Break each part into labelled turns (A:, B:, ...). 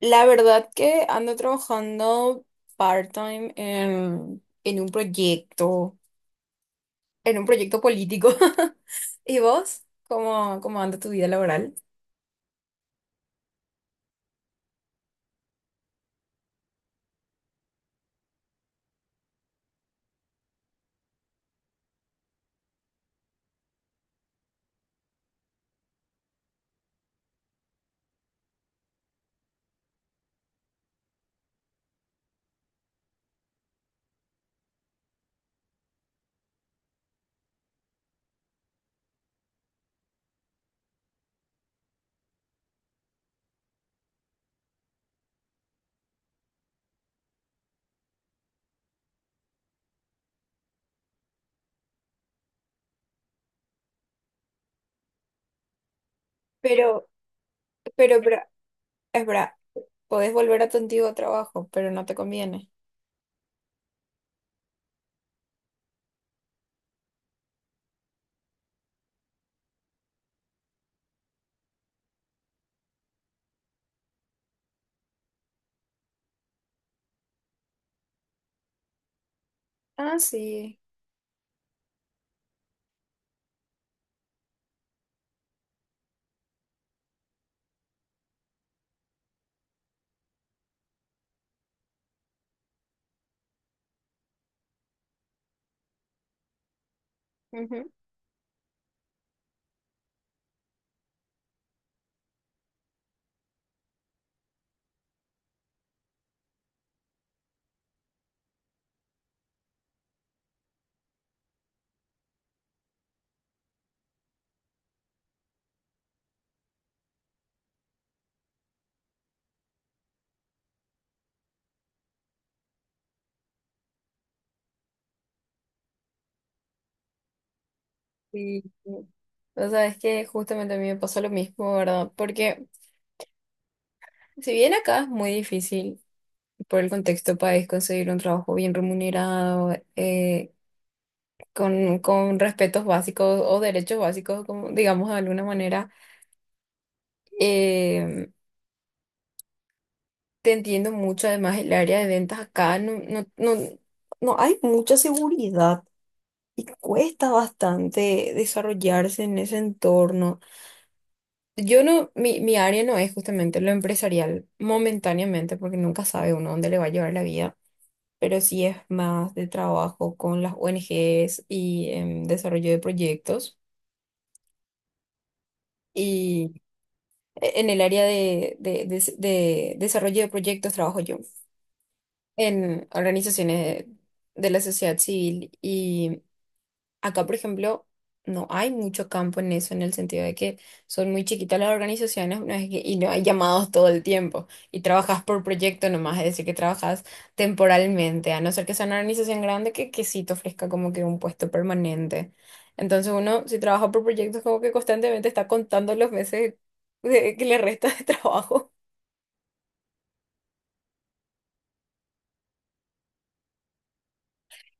A: La verdad que ando trabajando part-time en un proyecto, en un proyecto político. ¿Y vos? ¿Cómo anda tu vida laboral? Pero, pero, es verdad, podés volver a tu antiguo trabajo, pero no te conviene. Ah, sí. Ujú. Sí. O sea, es que justamente a mí me pasó lo mismo, ¿verdad? Porque si bien acá es muy difícil por el contexto país conseguir un trabajo bien remunerado, con respetos básicos o derechos básicos, como, digamos de alguna manera. Eh, te entiendo mucho, además el área de ventas acá no hay mucha seguridad, cuesta bastante desarrollarse en ese entorno. Yo no, mi área no es justamente lo empresarial, momentáneamente, porque nunca sabe uno dónde le va a llevar la vida. Pero sí es más de trabajo con las ONGs y en desarrollo de proyectos. En el área de desarrollo de proyectos trabajo yo en organizaciones de la sociedad civil y acá, por ejemplo, no hay mucho campo en eso, en el sentido de que son muy chiquitas las organizaciones, y no hay llamados todo el tiempo y trabajas por proyecto nomás, es decir, que trabajas temporalmente, a no ser que sea una organización grande que sí te ofrezca como que un puesto permanente. Entonces uno, si trabaja por proyectos, como que constantemente está contando los meses que le resta de trabajo.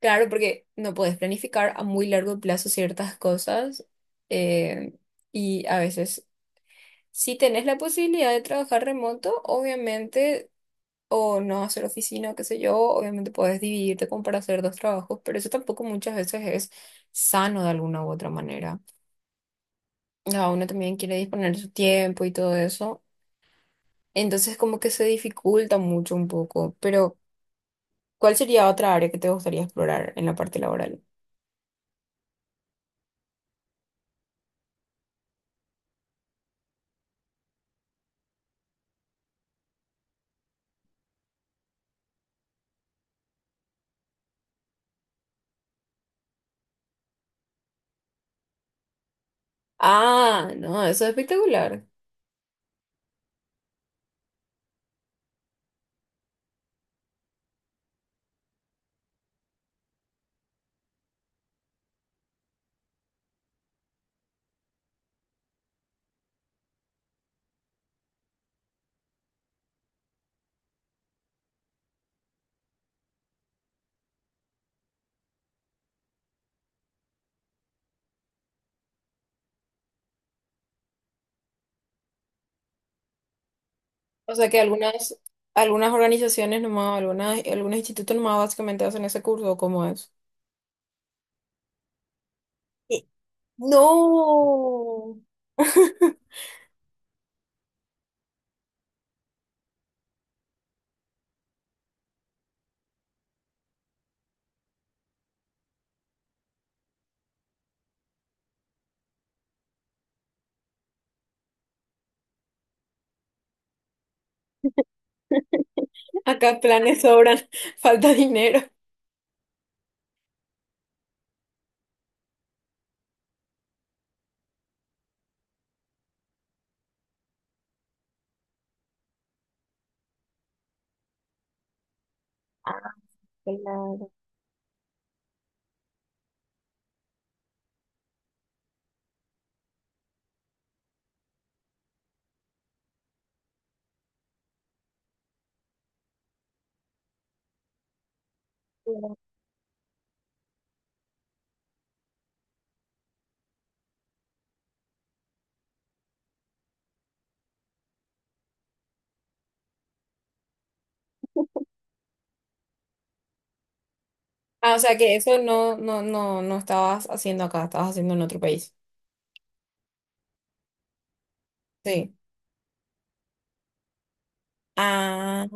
A: Claro, porque no puedes planificar a muy largo plazo ciertas cosas, eh, y a veces si tenés la posibilidad de trabajar remoto, obviamente, o no hacer oficina, o qué sé yo, obviamente puedes dividirte como para hacer dos trabajos, pero eso tampoco muchas veces es sano de alguna u otra manera. Cada uno también quiere disponer de su tiempo y todo eso, entonces como que se dificulta mucho un poco, pero ¿cuál sería otra área que te gustaría explorar en la parte laboral? Ah, no, eso es espectacular. O sea que algunas organizaciones nomás, algunos institutos nomás básicamente hacen ese curso, ¿cómo es? Eh, No. Acá planes sobran, falta dinero. Ah, claro. Claro. Ah, o sea que eso no estabas haciendo acá, estabas haciendo en otro país. Sí. Ah,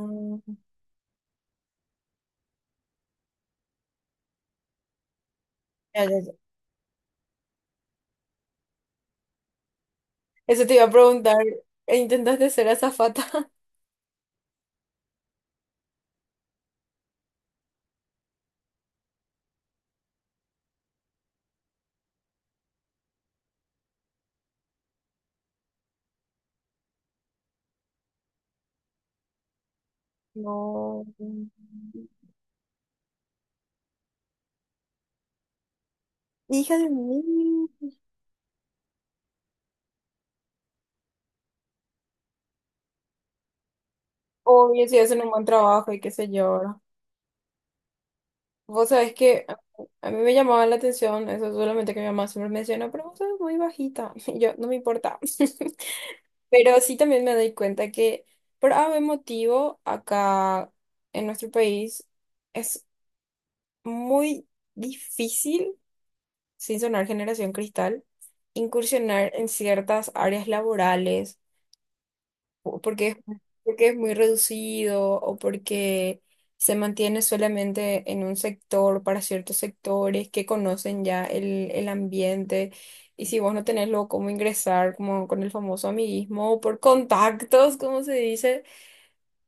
A: eso te iba a preguntar. ¿Intentaste ser azafata? No. Hija de mí. Obvio, si hacen un buen trabajo y qué sé yo, ¿verdad? Vos sabés que a mí me llamaba la atención, eso solamente que mi mamá siempre menciona, pero vos sos muy bajita. Y yo, no me importa. Pero sí también me doy cuenta que por algún motivo acá en nuestro país es muy difícil. Sin sonar generación cristal, incursionar en ciertas áreas laborales, o porque es muy reducido o porque se mantiene solamente en un sector para ciertos sectores que conocen ya el ambiente. Y si vos no tenés luego cómo ingresar, como con el famoso amiguismo o por contactos, como se dice,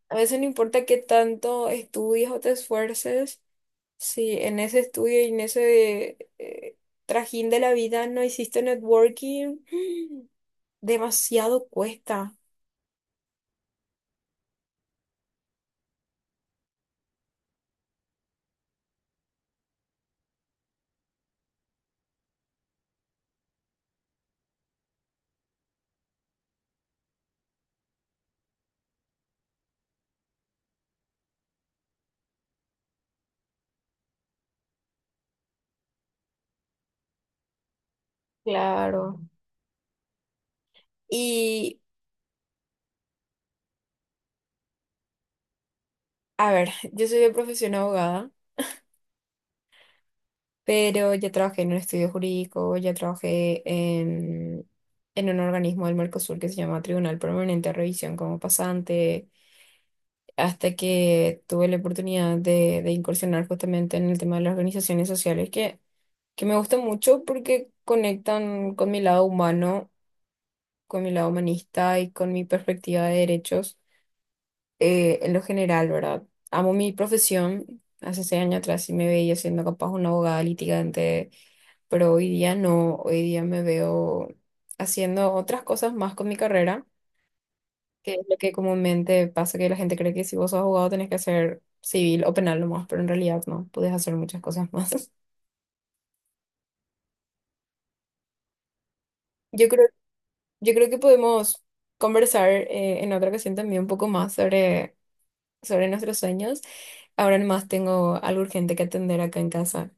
A: a veces no importa qué tanto estudies o te esfuerces. Sí, en ese estudio y en ese trajín de la vida no hiciste networking. Demasiado cuesta. Claro. Y, a ver, yo soy de profesión abogada, pero ya trabajé en un estudio jurídico, ya trabajé en un organismo del Mercosur que se llama Tribunal Permanente de Revisión como pasante, hasta que tuve la oportunidad de incursionar justamente en el tema de las organizaciones sociales, que me gusta mucho porque conectan con mi lado humano, con mi lado humanista y con mi perspectiva de derechos, en lo general, ¿verdad? Amo mi profesión. Hace 6 años atrás sí me veía siendo capaz una abogada litigante, pero hoy día no. Hoy día me veo haciendo otras cosas más con mi carrera, que es lo que comúnmente pasa que la gente cree que si vos sos abogado tenés que hacer civil o penal nomás, pero en realidad no, podés hacer muchas cosas más. Yo creo Yo creo que podemos conversar en otra ocasión también un poco más sobre nuestros sueños. Ahora nomás tengo algo urgente que atender acá en casa.